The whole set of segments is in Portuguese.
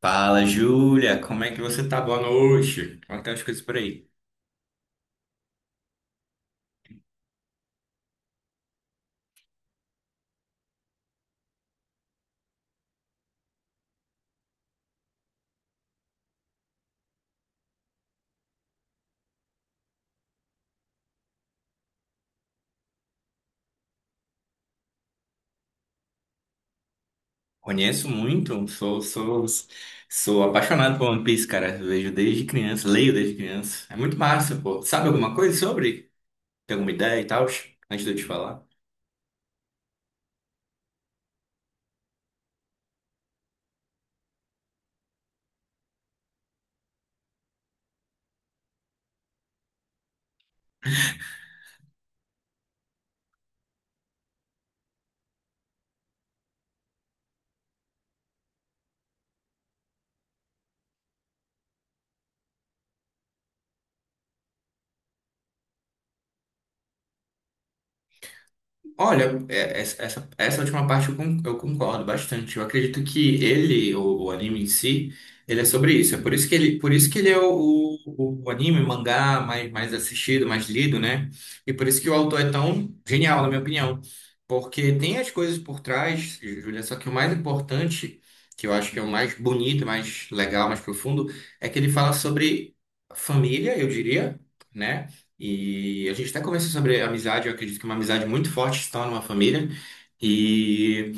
Fala, Júlia, como é que você tá? Boa noite. Como é que tá as coisas por aí? Conheço muito, sou apaixonado por One Piece, cara. Vejo desde criança, leio desde criança. É muito massa, pô. Sabe alguma coisa sobre? Tem alguma ideia e tal? Antes de eu te falar. Olha, essa última parte eu concordo bastante. Eu acredito que o anime em si, ele é sobre isso. É por isso que ele é o anime, mangá mais assistido, mais lido, né? E por isso que o autor é tão genial, na minha opinião. Porque tem as coisas por trás, Julia, só que o mais importante, que eu acho que é o mais bonito, mais legal, mais profundo, é que ele fala sobre família, eu diria, né? E a gente até conversou sobre amizade, eu acredito que é uma amizade muito forte se torna uma família, e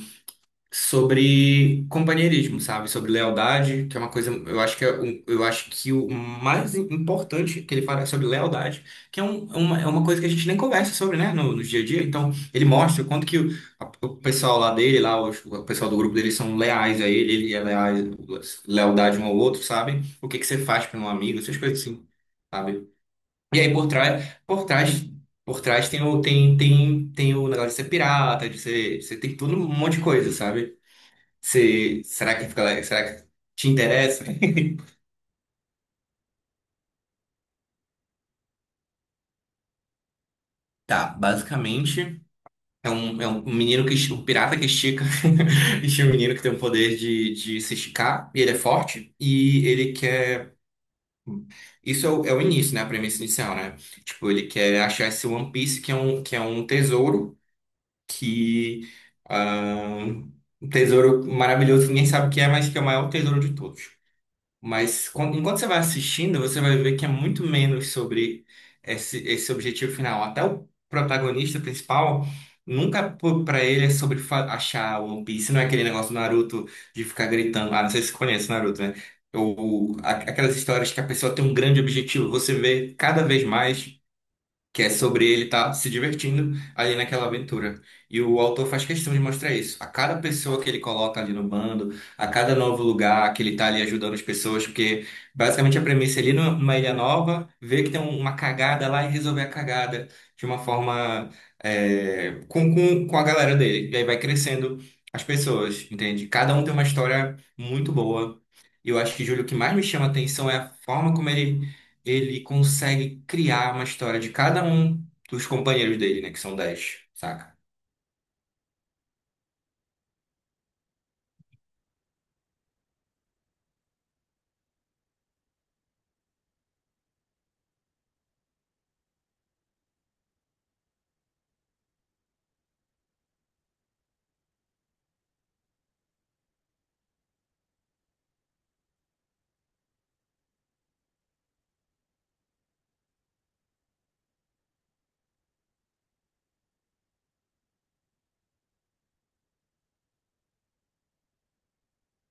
sobre companheirismo, sabe? Sobre lealdade, que é uma coisa, eu acho que eu acho que o mais importante que ele fala é sobre lealdade, que é uma coisa que a gente nem conversa sobre, né, no dia a dia. Então, ele mostra o quanto que o pessoal lá dele, lá, pessoal do grupo dele são leais a ele é leal, lealdade um ao outro, sabe? O que que você faz para um amigo, essas coisas assim, sabe? E aí por trás tem o tem tem tem o negócio de ser pirata, você tem tudo um monte de coisa, sabe? Você, será que fica, será que te interessa? Tá, basicamente é um, um pirata que estica, estica um menino que tem o poder de se esticar e ele é forte e ele quer isso é o início, né? A premissa inicial, né? Tipo, ele quer achar esse One Piece que é um que ah, tesouro maravilhoso, ninguém sabe o que é, mas que é o maior tesouro de todos. Mas enquanto você vai assistindo, você vai ver que é muito menos sobre esse objetivo final. Até o protagonista principal, nunca para ele é sobre achar o One Piece, não é aquele negócio do Naruto de ficar gritando. Ah, não sei se você conhece o Naruto, né? Ou aquelas histórias que a pessoa tem um grande objetivo, você vê cada vez mais que é sobre ele estar se divertindo ali naquela aventura. E o autor faz questão de mostrar isso. A cada pessoa que ele coloca ali no bando, a cada novo lugar que ele está ali ajudando as pessoas, porque basicamente a premissa é ali numa ilha nova, ver que tem uma cagada lá e resolver a cagada de uma forma com a galera dele. E aí vai crescendo as pessoas, entende? Cada um tem uma história muito boa. E eu acho que, Júlio, o que mais me chama a atenção é a forma como ele consegue criar uma história de cada um dos companheiros dele, né? Que são 10, saca?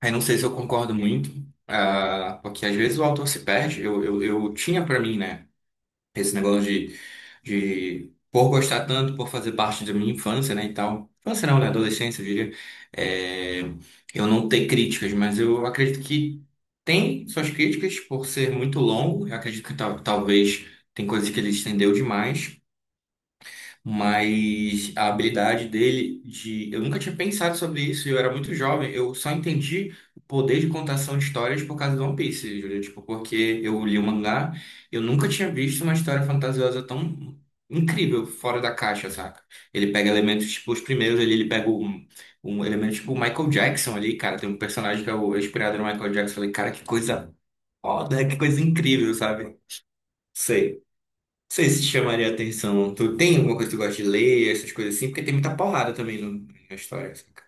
Aí não sei se eu concordo muito, porque às vezes o autor se perde. Eu tinha pra mim, né? Esse negócio por gostar tanto, por fazer parte da minha infância, né? E tal. Infância não, né? Adolescência, eu diria. É, eu não ter críticas, mas eu acredito que tem suas críticas por ser muito longo. Eu acredito que talvez tem coisas que ele estendeu demais. Mas a habilidade dele de. Eu nunca tinha pensado sobre isso, eu era muito jovem, eu só entendi o poder de contação de histórias por causa do One Piece, Júlia. Tipo, porque eu li o mangá, eu nunca tinha visto uma história fantasiosa tão incrível, fora da caixa, saca? Ele pega elementos, tipo, os primeiros ali, ele pega um elemento tipo o Michael Jackson ali, cara. Tem um personagem que é o é inspirado no Michael Jackson. Eu falei, cara, que coisa foda, que coisa incrível, sabe? Sei. Não sei se chamaria atenção. Tu tem alguma coisa que tu gosta de ler, essas coisas assim? Porque tem muita porrada também na história. Saca?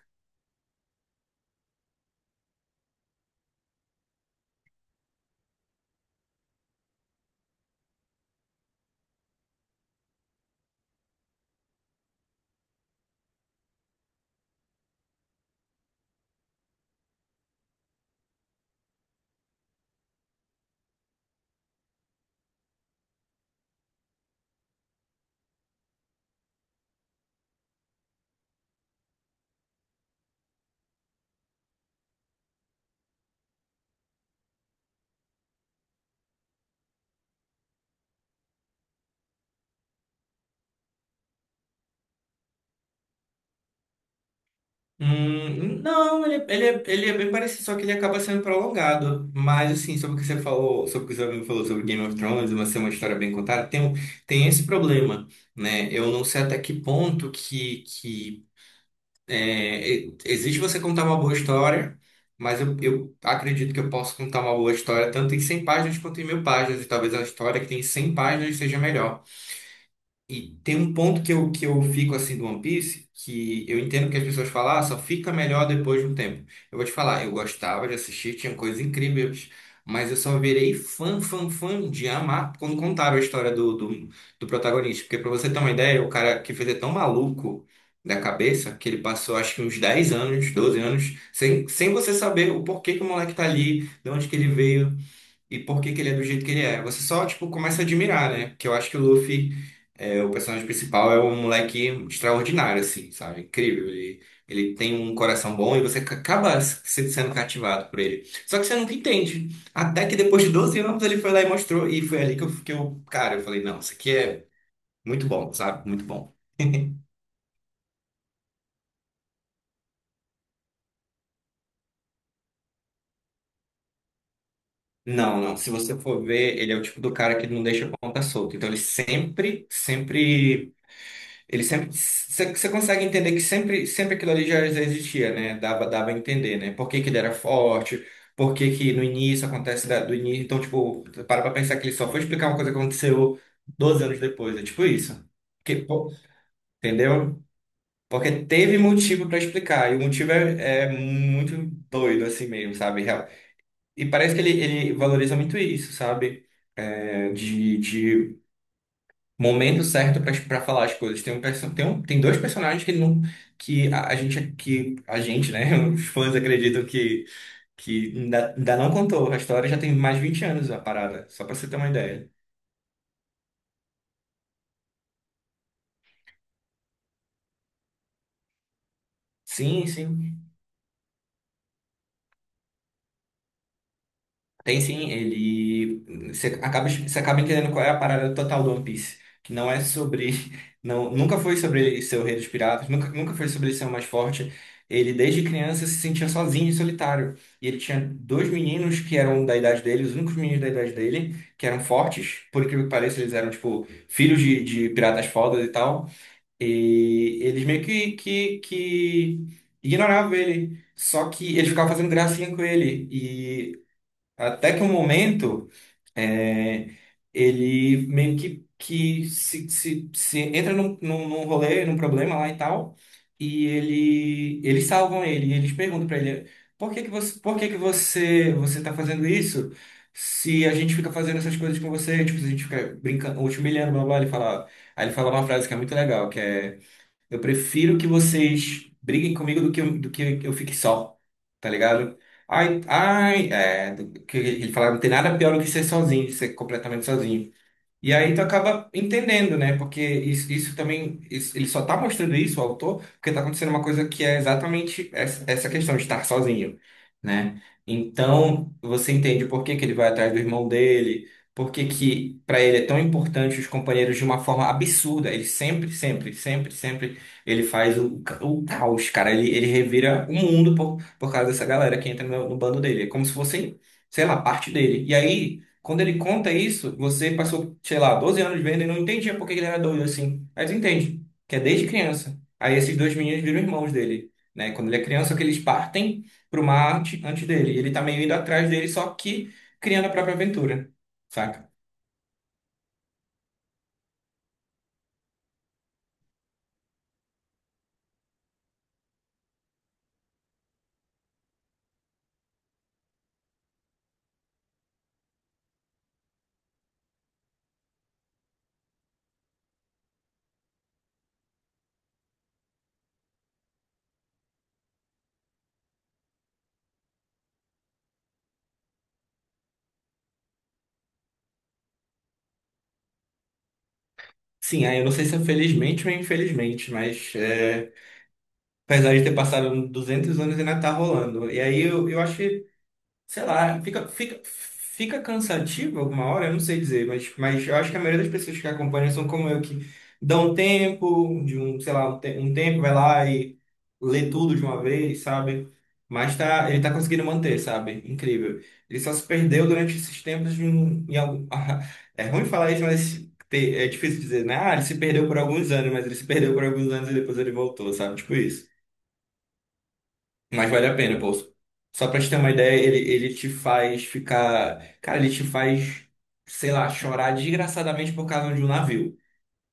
Não, ele é bem parecido, só que ele acaba sendo prolongado. Mas, assim, sobre o que você falou, sobre o que o seu amigo falou sobre Game of Thrones, uma ser uma história bem contada, tem esse problema, né? Eu não sei até que ponto que existe você contar uma boa história, mas eu acredito que eu posso contar uma boa história tanto em 100 páginas quanto em 1.000 páginas, e talvez a história que tem 100 páginas seja melhor. E tem um ponto que eu fico assim do One Piece, que eu entendo que as pessoas falam, só fica melhor depois de um tempo. Eu vou te falar, eu gostava de assistir, tinha coisas incríveis, mas eu só virei fã, fã, fã de amar quando contaram a história do protagonista. Porque pra você ter uma ideia, o cara que fez é tão maluco da cabeça que ele passou acho que uns 10 anos, 12 anos, sem você saber o porquê que o moleque tá ali, de onde que ele veio, e por que que ele é do jeito que ele é. Você só, tipo, começa a admirar, né? Porque eu acho que o Luffy, o personagem principal, é um moleque extraordinário, assim, sabe? Incrível. Ele tem um coração bom e você acaba sendo cativado por ele. Só que você nunca entende. Até que depois de 12 anos ele foi lá e mostrou. E foi ali que cara, eu falei, não, isso aqui é muito bom, sabe? Muito bom. Não, não. Se você for ver, ele é o tipo do cara que não deixa a ponta solta. Então ele sempre. Você consegue entender que sempre aquilo ali já existia, né? Dava a entender, né? Por que que ele era forte, por que que no início acontece do início. Então, tipo, para pra pensar que ele só foi explicar uma coisa que aconteceu 12 anos depois. É tipo isso. Que, pô, entendeu? Porque teve motivo para explicar. E o motivo é muito doido, assim mesmo, sabe? Real. E parece que ele valoriza muito isso, sabe? É, de Momento certo para falar as coisas. Tem um, perso- tem um, tem dois personagens que ele não que a gente, né, os fãs acreditam que ainda não contou. A história já tem mais de 20 anos a parada, só para você ter uma ideia. Sim, sim. Tem sim, ele. Você acaba entendendo qual é a parada total do One Piece. Que não é sobre. Não, nunca foi sobre ele ser o rei dos piratas, nunca, nunca foi sobre ele ser o mais forte. Ele, desde criança, se sentia sozinho e solitário. E ele tinha dois meninos que eram da idade dele, os únicos meninos da idade dele, que eram fortes. Por incrível que pareça, eles eram, tipo, filhos de piratas fodas e tal. E eles meio que ignoravam ele. Só que eles ficavam fazendo gracinha com ele. E até que um momento, é, ele meio que se entra num rolê, num problema lá e tal, e eles salvam ele, e eles perguntam pra ele, por que que você tá fazendo isso? Se a gente fica fazendo essas coisas com você, tipo, se a gente fica brincando, ou te humilhando, blá, blá, blá", ele fala, aí ele fala uma frase que é muito legal, que é eu prefiro que vocês briguem comigo do que eu fique só, tá ligado? Ai, ai, é, do que ele falava, não tem nada pior do que ser sozinho, ser completamente sozinho. E aí tu acaba entendendo, né? Porque isso também, ele só tá mostrando isso, o autor, porque tá acontecendo uma coisa que é exatamente essa questão de estar sozinho, né? Então, você entende por que que ele vai atrás do irmão dele, por que que para ele é tão importante os companheiros de uma forma absurda. Ele sempre, ele faz o caos, cara. Ele revira o mundo por causa dessa galera que entra no bando dele. É como se fosse, sei lá, parte dele. E aí quando ele conta isso, você passou, sei lá, 12 anos vendo e não entendia por que ele era doido assim. Mas entende, que é desde criança. Aí esses dois meninos viram irmãos dele, né? Quando ele é criança, que eles partem pro mar antes dele. E ele tá meio indo atrás dele, só que criando a própria aventura, saca? Sim, aí eu não sei se é felizmente ou infelizmente, mas apesar de ter passado 200 anos, ainda tá rolando. E aí eu acho. Sei lá, fica cansativo alguma hora, eu não sei dizer, mas, eu acho que a maioria das pessoas que acompanham são como eu, que dão um tempo, de um, sei lá, um, te- um tempo, vai lá e lê tudo de uma vez, sabe? Mas tá, ele tá conseguindo manter, sabe? Incrível. Ele só se perdeu durante esses tempos de um, em algum... É ruim falar isso, mas é difícil dizer, né? Ah, ele se perdeu por alguns anos, mas ele se perdeu por alguns anos e depois ele voltou, sabe? Tipo isso. Mas vale a pena, pô. Só pra te ter uma ideia, ele te faz ficar. Cara, ele te faz, sei lá, chorar desgraçadamente por causa de um navio.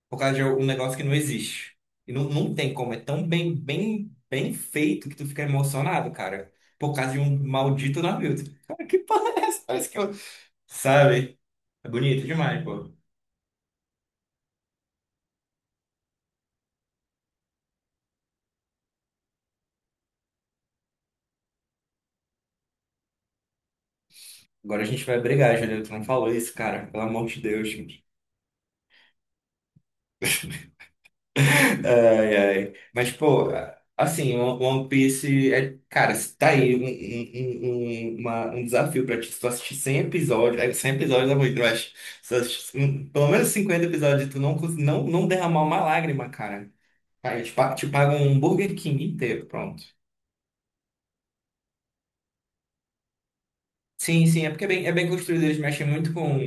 Por causa de um negócio que não existe. E não, não tem como. É tão bem, bem, bem feito que tu fica emocionado, cara. Por causa de um maldito navio. Tu Cara, que porra é essa? Parece que eu. Sabe? É bonito demais, pô. Agora a gente vai brigar, Juliano. Tu não falou isso, cara. Pelo amor de Deus, gente. Ai, ai. Mas, pô, assim, o One Piece é, cara, tá aí um desafio pra ti. Se tu assistir 100 episódios, 100 episódios é muito, mas se tu assistir pelo menos 50 episódios, e tu não derramar uma lágrima, cara. Aí te pagam um Burger King inteiro, pronto. Sim, sim, é porque é bem, construído, eles mexem muito com,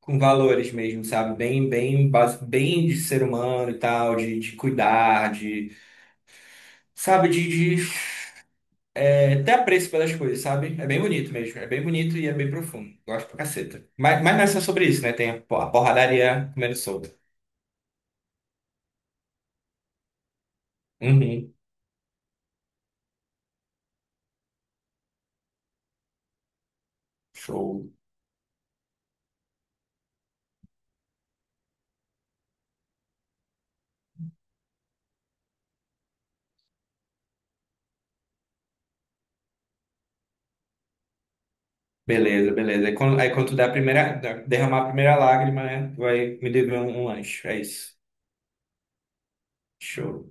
com valores mesmo, sabe? Bem de ser humano e tal, de cuidar, de. Sabe, de É até apreço pelas coisas, sabe? É bem bonito mesmo. É bem bonito e é bem profundo. Gosto pra caceta. Mas não é só sobre isso, né? Tem a porradaria comendo solta. Uhum. Show. Beleza, beleza. Aí quando tu der derramar a primeira lágrima, né? Tu vai me dever um lanche. É isso. Show.